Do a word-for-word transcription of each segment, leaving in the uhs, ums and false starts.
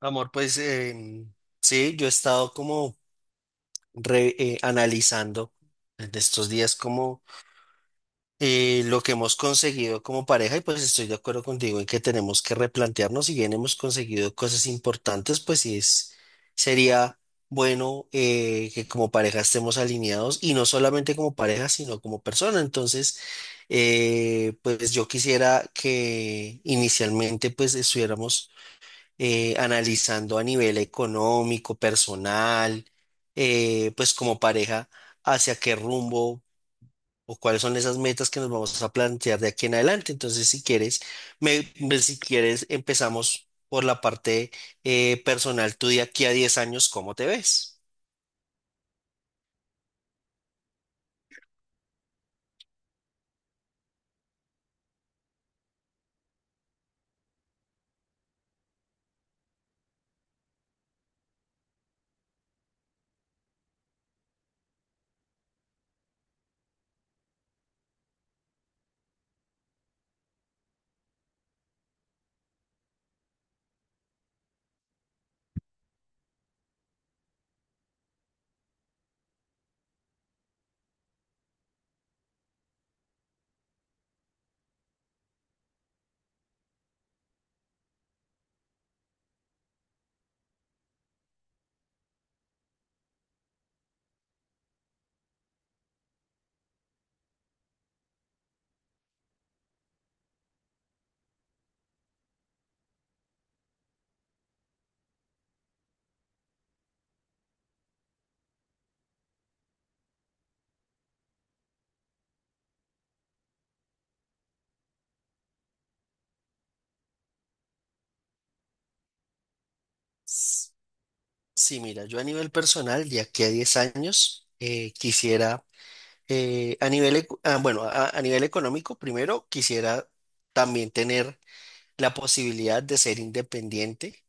Amor, pues em, sí, yo he estado como re- eh, analizando en estos días como eh, lo que hemos conseguido como pareja y pues estoy de acuerdo contigo en que tenemos que replantearnos. Si bien hemos conseguido cosas importantes, pues sí es, sería bueno eh, que como pareja estemos alineados y no solamente como pareja, sino como persona. Entonces, eh, pues yo quisiera que inicialmente pues estuviéramos eh, analizando a nivel económico, personal, eh, pues como pareja, hacia qué rumbo o cuáles son esas metas que nos vamos a plantear de aquí en adelante. Entonces, si quieres, me, me- si quieres, empezamos por la parte eh, personal. Tú de aquí a diez años, ¿cómo te ves? S- Sí, mira, yo a nivel personal, de aquí a diez años, eh, quisiera, eh, a nivel, eco- ah, bueno, a a nivel económico, primero quisiera también tener la posibilidad de ser independiente.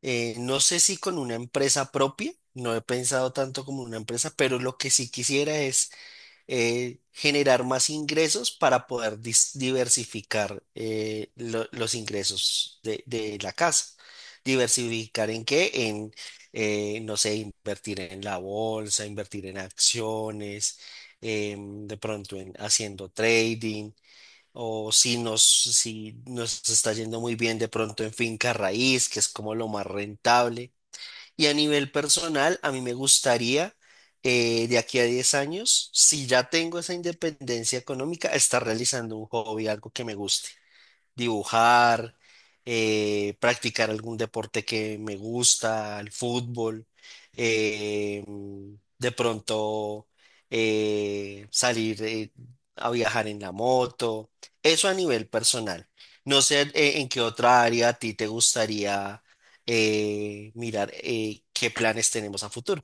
Eh, no sé si con una empresa propia, no he pensado tanto como una empresa, pero lo que sí quisiera es eh, generar más ingresos para poder dis- diversificar eh, lo- los ingresos de, de la casa. ¿Diversificar en qué? En, eh, no sé, invertir en la bolsa, invertir en acciones, em, de pronto en haciendo trading, o si nos, si nos está yendo muy bien, de pronto en finca raíz, que es como lo más rentable. Y a nivel personal, a mí me gustaría, eh, de aquí a diez años, si ya tengo esa independencia económica, estar realizando un hobby, algo que me guste: dibujar, eh, practicar algún deporte que me gusta, el fútbol, eh, de pronto eh, salir eh, a viajar en la moto. Eso a nivel personal. No sé eh, en qué otra área a ti te gustaría eh, mirar eh, qué planes tenemos a futuro.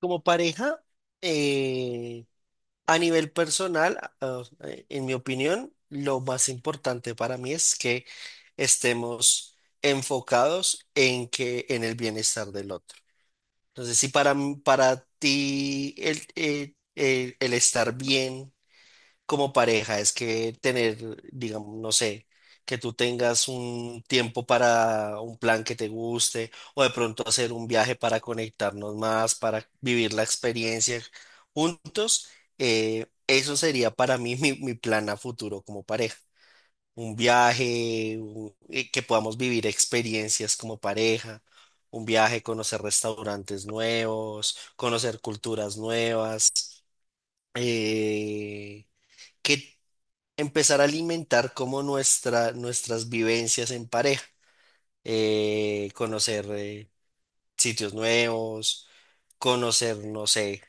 Como pareja, eh, a nivel personal, ah, eh, en mi opinión, lo más importante para mí es que estemos enfocados en que en el bienestar del otro. Entonces, si para, m- para ti el, eh, el- el estar bien como pareja es que tener, digamos, no sé, que tú tengas un tiempo para un plan que te guste, o de pronto hacer un viaje para conectarnos más, para vivir la experiencia juntos. Eh, eso sería para mí mi, mi plan a futuro como pareja. Un viaje, un- eh, que podamos vivir experiencias como pareja. Un viaje, conocer restaurantes nuevos, conocer culturas nuevas. Eh, que Empezar a alimentar como nuestra, nuestras vivencias en pareja, eh, conocer eh, sitios nuevos, conocer, no sé,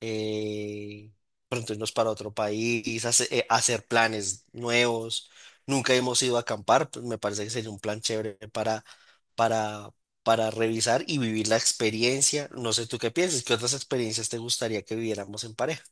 eh, pronto irnos para otro país, hace- eh, hacer planes nuevos. Nunca hemos ido a acampar, pues me parece que sería un plan chévere para, para, para revisar y vivir la experiencia. No sé tú qué piensas, ¿qué otras experiencias te gustaría que viviéramos en pareja?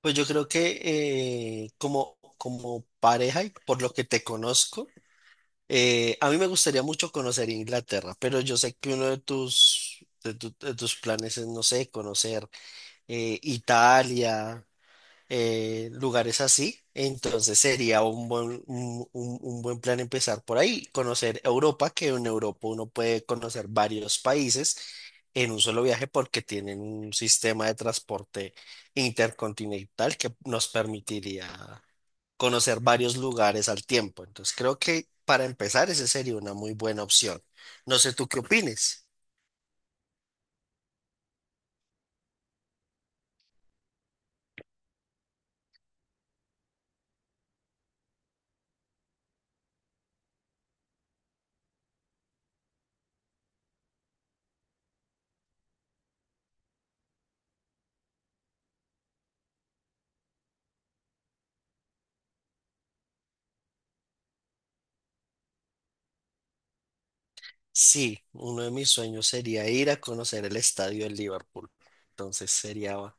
Pues yo creo que eh, como, como pareja y por lo que te conozco, eh, a mí me gustaría mucho conocer Inglaterra, pero yo sé que uno de tus, de tu- de tus planes es, no sé, conocer eh, Italia, eh, lugares así. Entonces sería un buen, un, un- un buen plan empezar por ahí, conocer Europa, que en Europa uno puede conocer varios países en un solo viaje porque tienen un sistema de transporte intercontinental que nos permitiría conocer varios lugares al tiempo. Entonces creo que para empezar esa sería una muy buena opción. No sé tú qué opines. Sí, uno de mis sueños sería ir a conocer el estadio de Liverpool. Entonces sería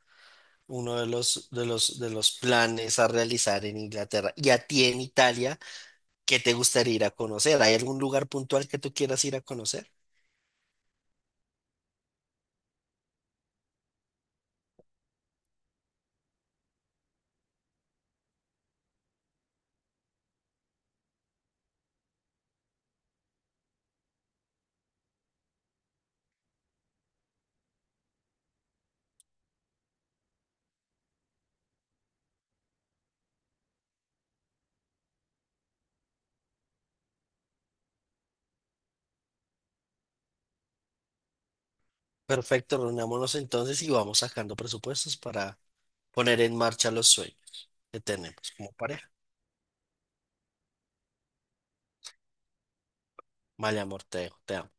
uno de los, de los, de los planes a realizar en Inglaterra. Y a ti en Italia, ¿qué te gustaría ir a conocer? ¿Hay algún lugar puntual que tú quieras ir a conocer? Perfecto, reunámonos entonces y vamos sacando presupuestos para poner en marcha los sueños que tenemos como pareja. Vale, amor, te dejo, te amo.